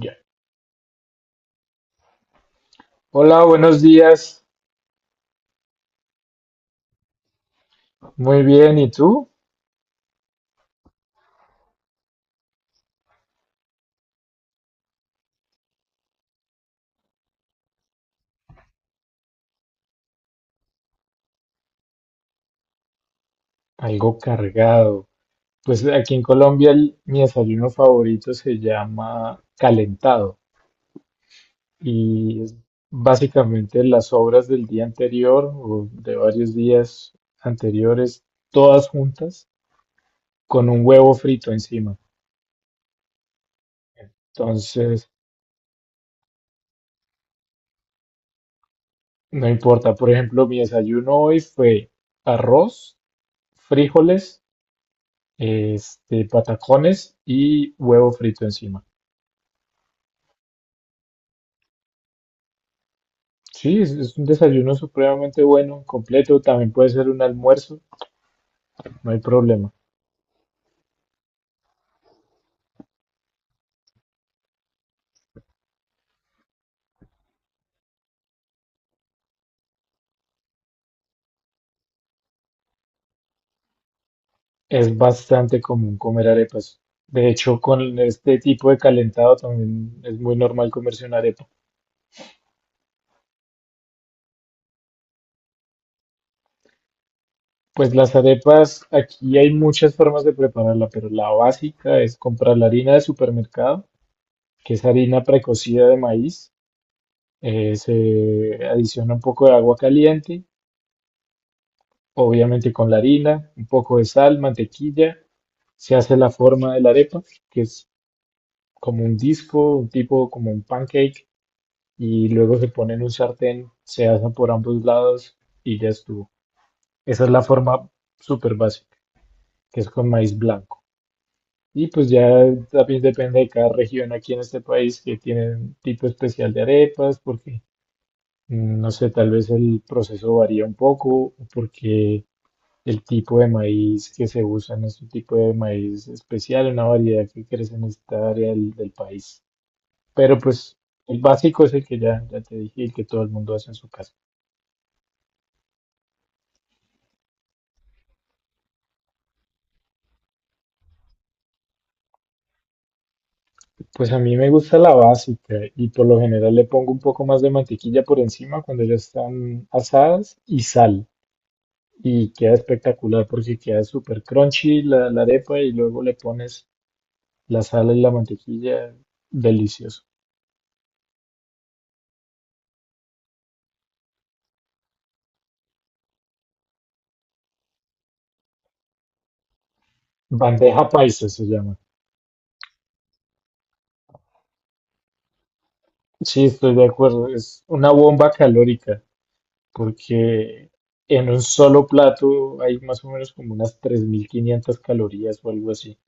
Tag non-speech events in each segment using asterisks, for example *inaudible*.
Ya. Hola, buenos días. Muy bien, ¿y tú? Algo cargado. Pues aquí en Colombia mi desayuno favorito se llama calentado y es básicamente las sobras del día anterior o de varios días anteriores, todas juntas, con un huevo frito encima. Entonces, no importa. Por ejemplo, mi desayuno hoy fue arroz, frijoles, patacones y huevo frito encima. Sí, es un desayuno supremamente bueno, completo, también puede ser un almuerzo, no hay problema. Es bastante común comer arepas. De hecho, con este tipo de calentado también es muy normal comerse una arepa. Pues las arepas, aquí hay muchas formas de prepararla, pero la básica es comprar la harina de supermercado, que es harina precocida de maíz. Se adiciona un poco de agua caliente, obviamente con la harina, un poco de sal, mantequilla, se hace la forma de la arepa, que es como un disco, tipo como un pancake, y luego se pone en un sartén, se asa por ambos lados y ya estuvo. Esa es la forma súper básica, que es con maíz blanco. Y pues ya también depende de cada región aquí en este país que tiene un tipo especial de arepas, porque no sé, tal vez el proceso varía un poco, o porque el tipo de maíz que se usa en este tipo de maíz especial, una variedad que crece en esta área del país. Pero pues el básico es el que ya te dije, el que todo el mundo hace en su casa. Pues a mí me gusta la básica y por lo general le pongo un poco más de mantequilla por encima cuando ya están asadas y sal. Y queda espectacular porque queda súper crunchy la arepa y luego le pones la sal y la mantequilla. Delicioso. Bandeja paisa se llama. Sí, estoy de acuerdo. Es una bomba calórica, porque en un solo plato hay más o menos como unas 3.500 calorías o algo así.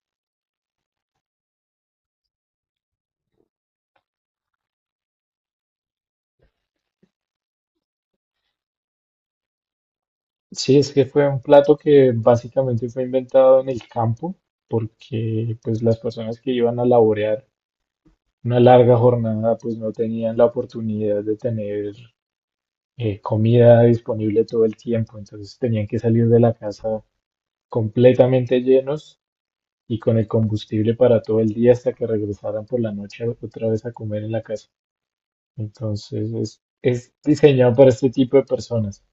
Sí, es que fue un plato que básicamente fue inventado en el campo, porque pues las personas que iban a laborear una larga jornada pues no tenían la oportunidad de tener comida disponible todo el tiempo, entonces tenían que salir de la casa completamente llenos y con el combustible para todo el día hasta que regresaran por la noche otra vez a comer en la casa. Entonces es diseñado para este tipo de personas.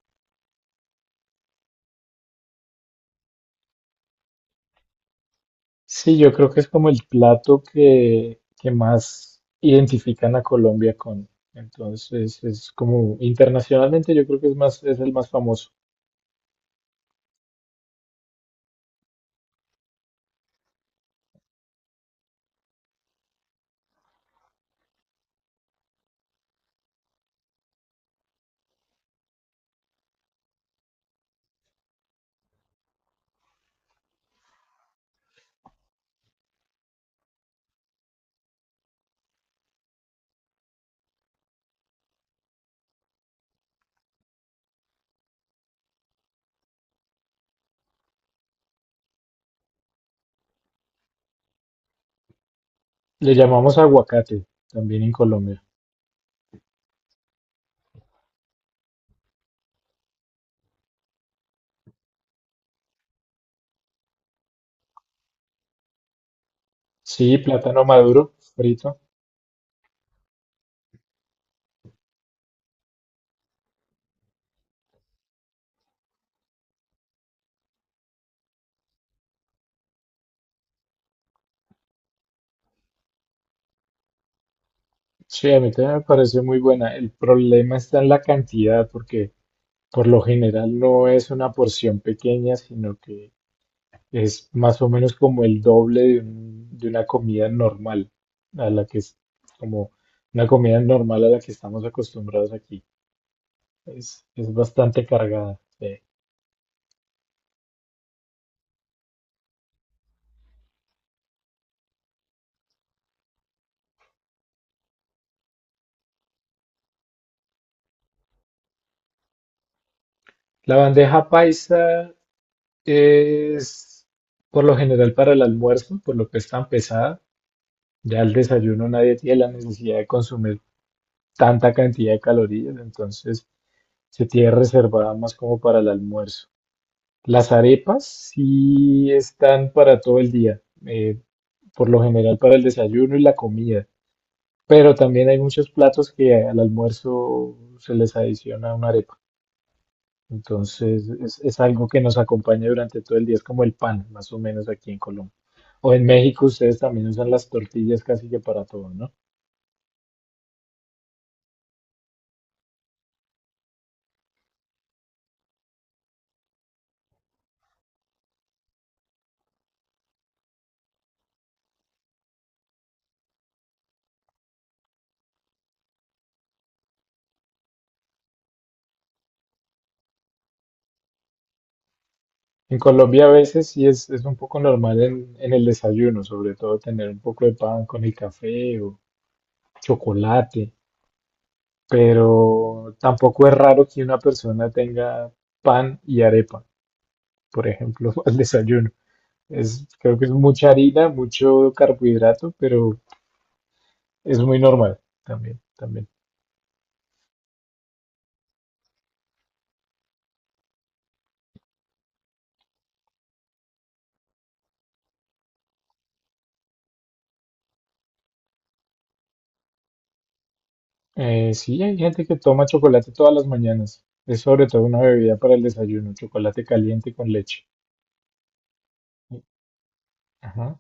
Sí, yo creo que es como el plato que más identifican a Colombia con. Entonces es como internacionalmente yo creo que es es el más famoso. Le llamamos aguacate también en Colombia. Sí, plátano maduro, frito. Sí, a mí también me parece muy buena. El problema está en la cantidad, porque por lo general no es una porción pequeña, sino que es más o menos como el doble de una comida normal, a la que es como una comida normal a la que estamos acostumbrados aquí. Es bastante cargada, sí. La bandeja paisa es por lo general para el almuerzo, por lo que es tan pesada. Ya al desayuno nadie tiene la necesidad de consumir tanta cantidad de calorías, entonces se tiene reservada más como para el almuerzo. Las arepas sí están para todo el día. Por lo general para el desayuno y la comida. Pero también hay muchos platos que al almuerzo se les adiciona una arepa. Entonces es algo que nos acompaña durante todo el día, es como el pan, más o menos aquí en Colombia. ¿O en México ustedes también usan las tortillas casi que para todo, no? En Colombia a veces sí es un poco normal en el desayuno, sobre todo tener un poco de pan con el café o chocolate, pero tampoco es raro que una persona tenga pan y arepa, por ejemplo, *laughs* al desayuno. Es, creo que es mucha harina, mucho carbohidrato, pero es muy normal también, también. Sí, hay gente que toma chocolate todas las mañanas. Es sobre todo una bebida para el desayuno, chocolate caliente con leche. Ajá.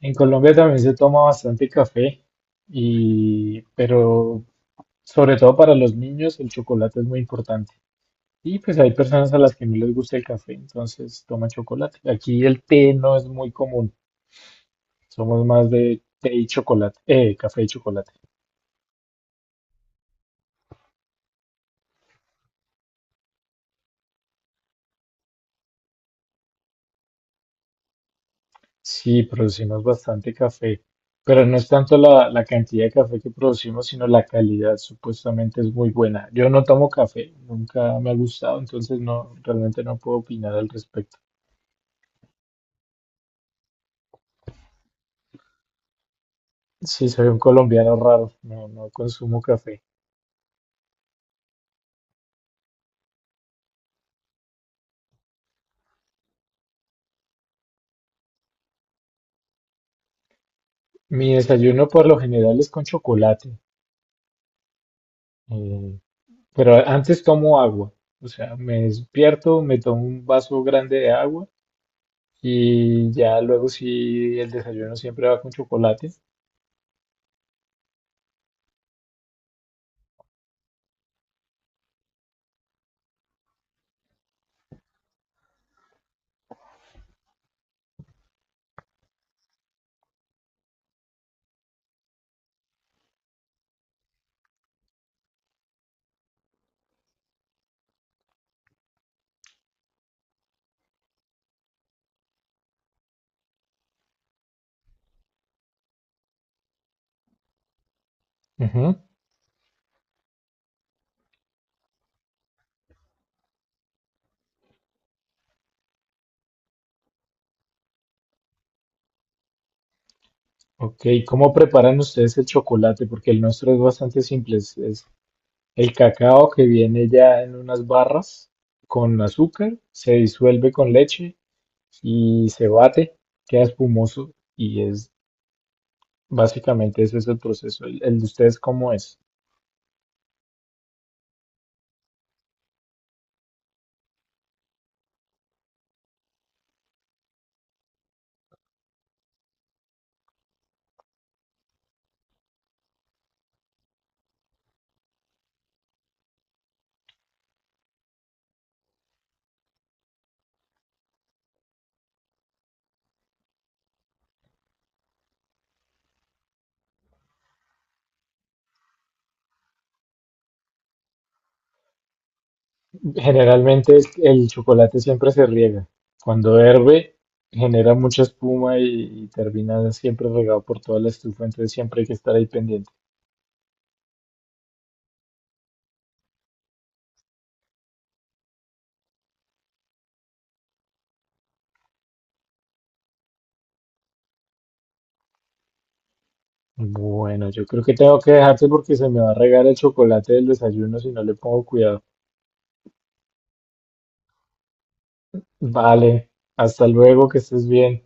En Colombia también se toma bastante café pero sobre todo para los niños el chocolate es muy importante. Y pues hay personas a las que no les gusta el café, entonces toman chocolate. Aquí el té no es muy común. Somos más de té y chocolate, café y chocolate. Sí, producimos bastante café, pero no es tanto la cantidad de café que producimos, sino la calidad, supuestamente es muy buena. Yo no tomo café, nunca me ha gustado, entonces no, realmente no puedo opinar al respecto. Sí, soy un colombiano raro, no, no consumo café. Mi desayuno por lo general es con chocolate, eh, pero antes tomo agua, o sea, me despierto, me tomo un vaso grande de agua. Y ya luego sí, el desayuno siempre va con chocolate. Ujú. Ok, ¿cómo preparan ustedes el chocolate? Porque el nuestro es bastante simple. Es el cacao que viene ya en unas barras con azúcar, se disuelve con leche y se bate, queda espumoso y es básicamente ese es el proceso. El de ustedes cómo es? Generalmente el chocolate siempre se riega. Cuando hierve, genera mucha espuma y termina siempre regado por toda la estufa, entonces siempre hay que estar ahí pendiente. Bueno, yo creo que tengo que dejarte porque se me va a regar el chocolate del desayuno si no le pongo cuidado. Vale, hasta luego, que estés bien.